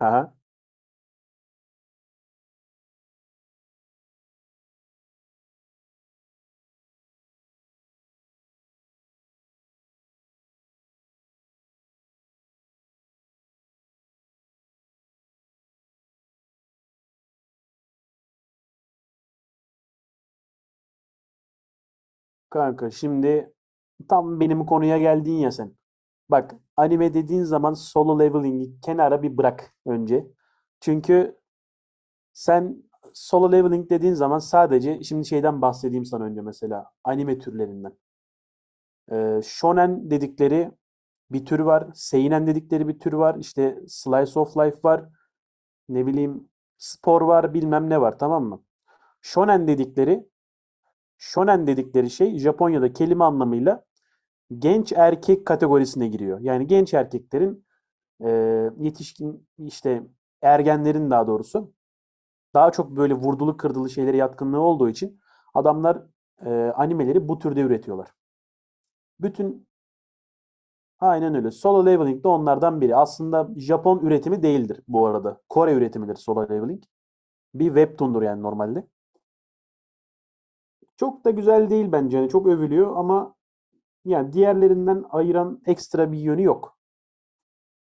Aha. Kanka şimdi tam benim konuya geldin ya sen. Bak anime dediğin zaman Solo Leveling'i kenara bir bırak önce. Çünkü sen Solo Leveling dediğin zaman sadece şimdi şeyden bahsedeyim sana önce, mesela anime türlerinden. Shonen dedikleri bir tür var. Seinen dedikleri bir tür var. İşte slice of life var. Ne bileyim, spor var, bilmem ne var, tamam mı? Shonen dedikleri, shonen dedikleri şey Japonya'da kelime anlamıyla genç erkek kategorisine giriyor. Yani genç erkeklerin, e, yetişkin işte, ergenlerin daha doğrusu, daha çok böyle vurdulu kırdılı şeylere yatkınlığı olduğu için adamlar animeleri bu türde üretiyorlar. Bütün aynen öyle. Solo Leveling de onlardan biri. Aslında Japon üretimi değildir bu arada. Kore üretimidir Solo Leveling. Bir webtoon'dur yani normalde. Çok da güzel değil bence. Yani çok övülüyor ama yani diğerlerinden ayıran ekstra bir yönü yok.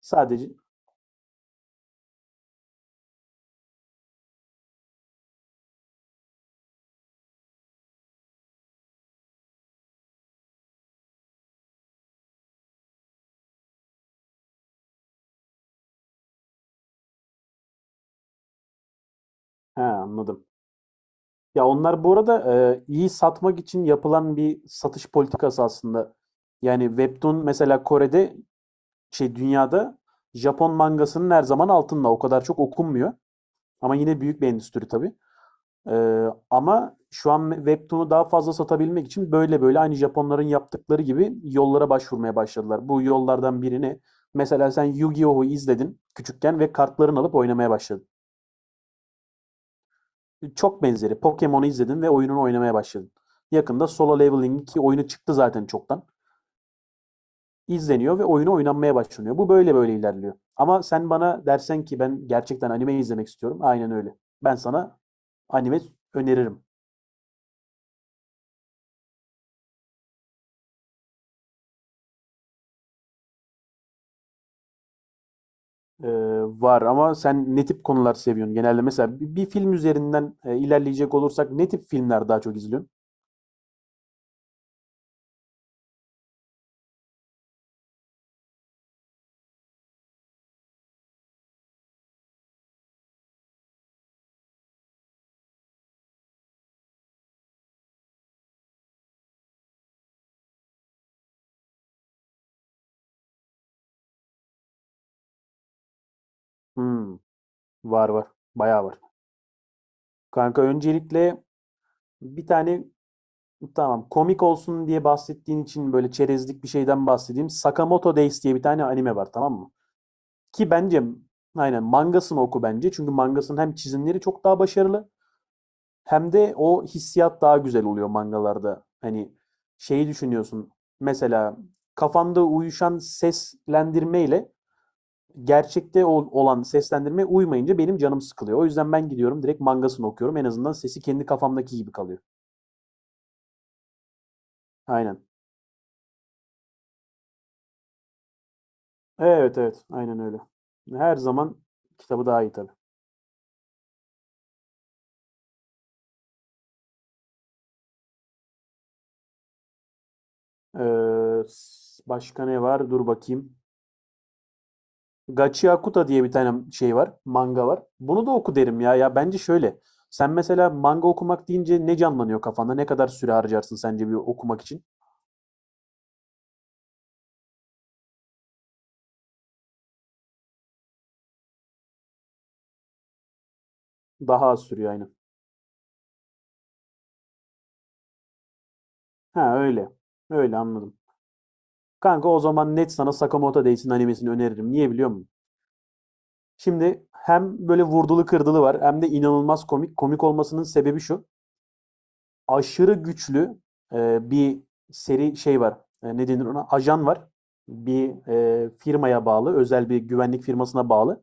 Sadece he, anladım. Ya onlar bu arada iyi satmak için yapılan bir satış politikası aslında. Yani Webtoon mesela Kore'de, şey, dünyada Japon mangasının her zaman altında. O kadar çok okunmuyor. Ama yine büyük bir endüstri tabii. E, ama şu an Webtoon'u daha fazla satabilmek için böyle böyle aynı Japonların yaptıkları gibi yollara başvurmaya başladılar. Bu yollardan birini mesela, sen Yu-Gi-Oh'u izledin küçükken ve kartlarını alıp oynamaya başladın. Çok benzeri. Pokemon'u izledin ve oyununu oynamaya başladın. Yakında Solo Leveling ki oyunu çıktı zaten çoktan. İzleniyor ve oyunu oynanmaya başlanıyor. Bu böyle böyle ilerliyor. Ama sen bana dersen ki ben gerçekten anime izlemek istiyorum. Aynen öyle. Ben sana anime öneririm. Ee, var ama sen ne tip konular seviyorsun genelde? Mesela bir film üzerinden ilerleyecek olursak ne tip filmler daha çok izliyorsun? Hmm, var var. Bayağı var. Kanka öncelikle bir tane, tamam. Komik olsun diye bahsettiğin için böyle çerezlik bir şeyden bahsedeyim. Sakamoto Days diye bir tane anime var, tamam mı? Ki bence aynen mangasını oku bence. Çünkü mangasının hem çizimleri çok daha başarılı, hem de o hissiyat daha güzel oluyor mangalarda. Hani şeyi düşünüyorsun. Mesela kafanda uyuşan seslendirmeyle gerçekte olan seslendirme uymayınca benim canım sıkılıyor. O yüzden ben gidiyorum direkt mangasını okuyorum. En azından sesi kendi kafamdaki gibi kalıyor. Aynen. Evet, evet. Aynen öyle. Her zaman kitabı daha iyi tabii. Başka ne var? Dur bakayım. Gachi Akuta diye bir tane şey var. Manga var. Bunu da oku derim ya. Ya bence şöyle. Sen mesela manga okumak deyince ne canlanıyor kafanda? Ne kadar süre harcarsın sence bir okumak için? Daha az sürüyor aynen. Ha öyle. Öyle anladım. Kanka o zaman net sana Sakamoto Days'in animesini öneririm. Niye biliyor musun? Şimdi hem böyle vurdulu kırdılı var, hem de inanılmaz komik. Komik olmasının sebebi şu. Aşırı güçlü bir seri şey var. E, ne denir ona? Ajan var. Bir firmaya bağlı, özel bir güvenlik firmasına bağlı.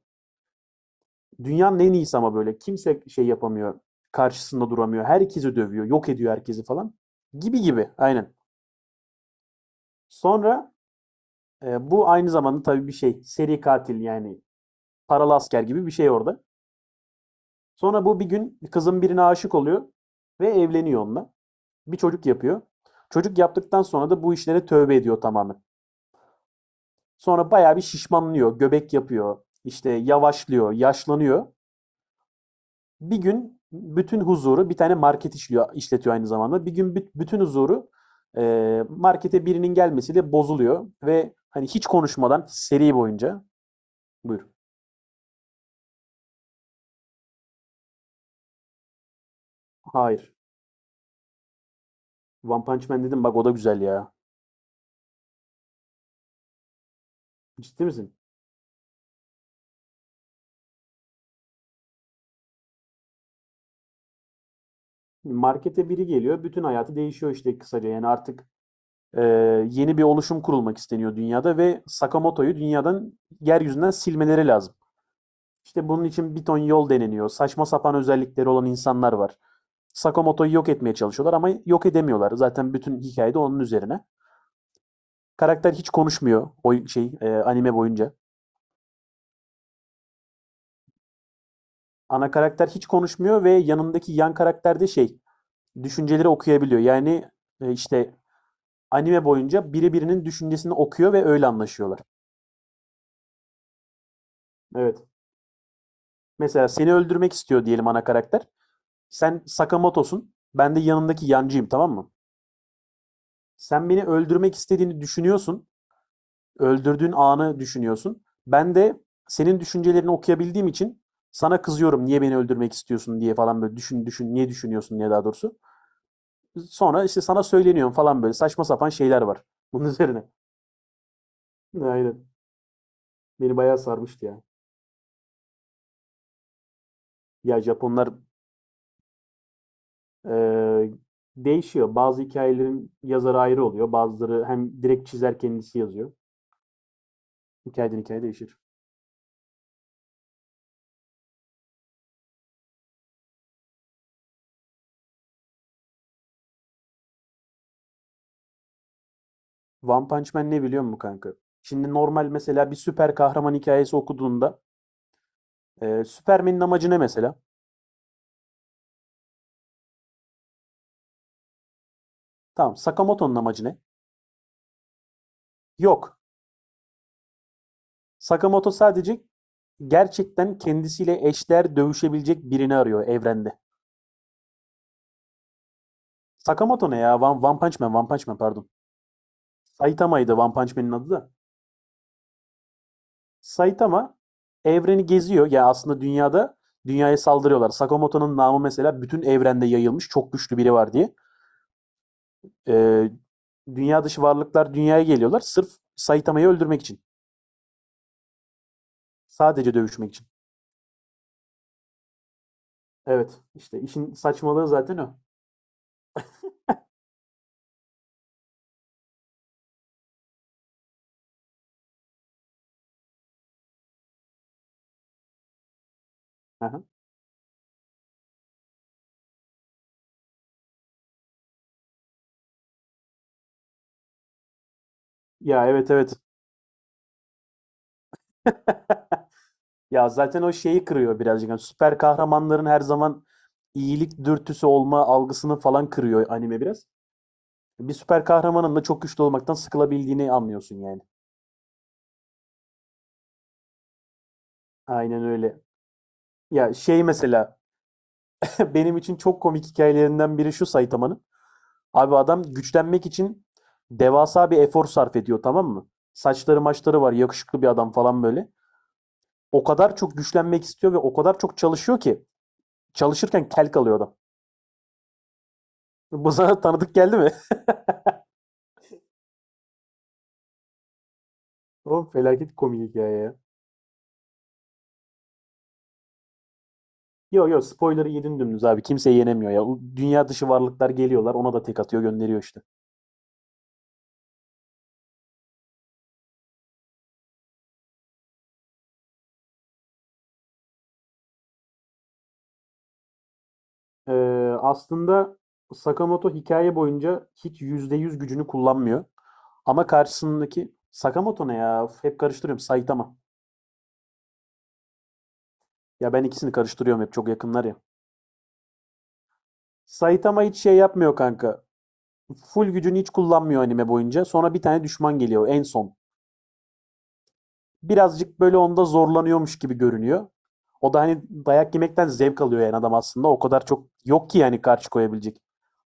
Dünyanın en iyisi ama böyle. Kimse şey yapamıyor, karşısında duramıyor. Herkesi dövüyor, yok ediyor herkesi falan. Gibi gibi, aynen. Sonra bu aynı zamanda tabii bir şey, seri katil yani, paralı asker gibi bir şey orada. Sonra bu bir gün kızın birine aşık oluyor ve evleniyor onunla. Bir çocuk yapıyor. Çocuk yaptıktan sonra da bu işlere tövbe ediyor tamamen. Sonra bayağı bir şişmanlıyor, göbek yapıyor, işte yavaşlıyor, yaşlanıyor. Bir gün bütün huzuru, bir tane market işliyor, işletiyor aynı zamanda. Bir gün bütün huzuru markete birinin gelmesiyle bozuluyor ve hani hiç konuşmadan seri boyunca buyur. Hayır. One Punch Man dedim bak, o da güzel ya. Ciddi misin? Markete biri geliyor, bütün hayatı değişiyor işte kısaca. Yani artık e, yeni bir oluşum kurulmak isteniyor dünyada ve Sakamoto'yu dünyadan, yeryüzünden silmeleri lazım. İşte bunun için bir ton yol deneniyor. Saçma sapan özellikleri olan insanlar var. Sakamoto'yu yok etmeye çalışıyorlar ama yok edemiyorlar. Zaten bütün hikayede onun üzerine. Karakter hiç konuşmuyor o şey anime boyunca. Ana karakter hiç konuşmuyor ve yanındaki yan karakter de şey, düşünceleri okuyabiliyor. Yani işte anime boyunca biri birinin düşüncesini okuyor ve öyle anlaşıyorlar. Evet. Mesela seni öldürmek istiyor diyelim ana karakter. Sen Sakamoto'sun. Ben de yanındaki yancıyım, tamam mı? Sen beni öldürmek istediğini düşünüyorsun. Öldürdüğün anı düşünüyorsun. Ben de senin düşüncelerini okuyabildiğim için sana kızıyorum, niye beni öldürmek istiyorsun diye falan, böyle düşün düşün niye düşünüyorsun diye, daha doğrusu. Sonra işte sana söyleniyorum falan, böyle saçma sapan şeyler var bunun üzerine. Aynen. Beni bayağı sarmıştı ya. Ya Japonlar, eee, değişiyor. Bazı hikayelerin yazarı ayrı oluyor. Bazıları hem direkt çizer kendisi yazıyor. Hikayeden hikaye değişir. One Punch Man ne biliyor musun kanka? Şimdi normal mesela bir süper kahraman hikayesi okuduğunda, Superman'in amacı ne mesela? Tamam. Sakamoto'nun amacı ne? Yok. Sakamoto sadece gerçekten kendisiyle eşler dövüşebilecek birini arıyor evrende. Sakamoto ne ya? One Punch Man, One Punch Man, pardon. Saitama'ydı One Punch Man'in adı da. Saitama evreni geziyor. Ya aslında dünyaya saldırıyorlar. Sakamoto'nun namı mesela bütün evrende yayılmış. Çok güçlü biri var diye. Ee, Dünya dışı varlıklar dünyaya geliyorlar. Sırf Saitama'yı öldürmek için. Sadece dövüşmek için. Evet. İşte işin saçmalığı zaten o. Hı. Ya evet, evet. Ya zaten o şeyi kırıyor birazcık. Yani süper kahramanların her zaman iyilik dürtüsü olma algısını falan kırıyor anime biraz. Bir süper kahramanın da çok güçlü olmaktan sıkılabildiğini anlıyorsun yani. Aynen öyle. Ya şey mesela, benim için çok komik hikayelerinden biri şu Saitama'nın. Abi adam güçlenmek için devasa bir efor sarf ediyor, tamam mı? Saçları maçları var, yakışıklı bir adam falan böyle. O kadar çok güçlenmek istiyor ve o kadar çok çalışıyor ki çalışırken kel kalıyor adam. Bu sana tanıdık geldi mi? Oğlum felaket komik hikaye ya. Yo yo, spoiler'ı yedin dümdüz abi. Kimse yenemiyor ya. Dünya dışı varlıklar geliyorlar. Ona da tek atıyor gönderiyor işte. Ee, Aslında Sakamoto hikaye boyunca hiç %100 gücünü kullanmıyor. Ama karşısındaki, Sakamoto ne ya? Hep karıştırıyorum. Saitama. Ya ben ikisini karıştırıyorum hep, çok yakınlar ya. Saitama hiç şey yapmıyor kanka. Full gücünü hiç kullanmıyor anime boyunca. Sonra bir tane düşman geliyor en son. Birazcık böyle onda zorlanıyormuş gibi görünüyor. O da hani dayak yemekten zevk alıyor yani adam aslında. O kadar çok yok ki yani karşı koyabilecek.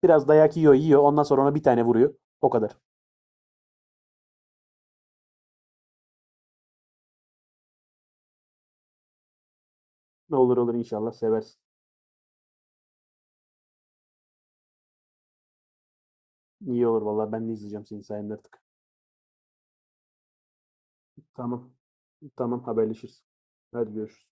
Biraz dayak yiyor, yiyor. Ondan sonra ona bir tane vuruyor. O kadar. Olur olur, inşallah seversin. İyi olur vallahi, ben de izleyeceğim senin sayende artık. Tamam. Tamam, haberleşiriz. Hadi görüşürüz.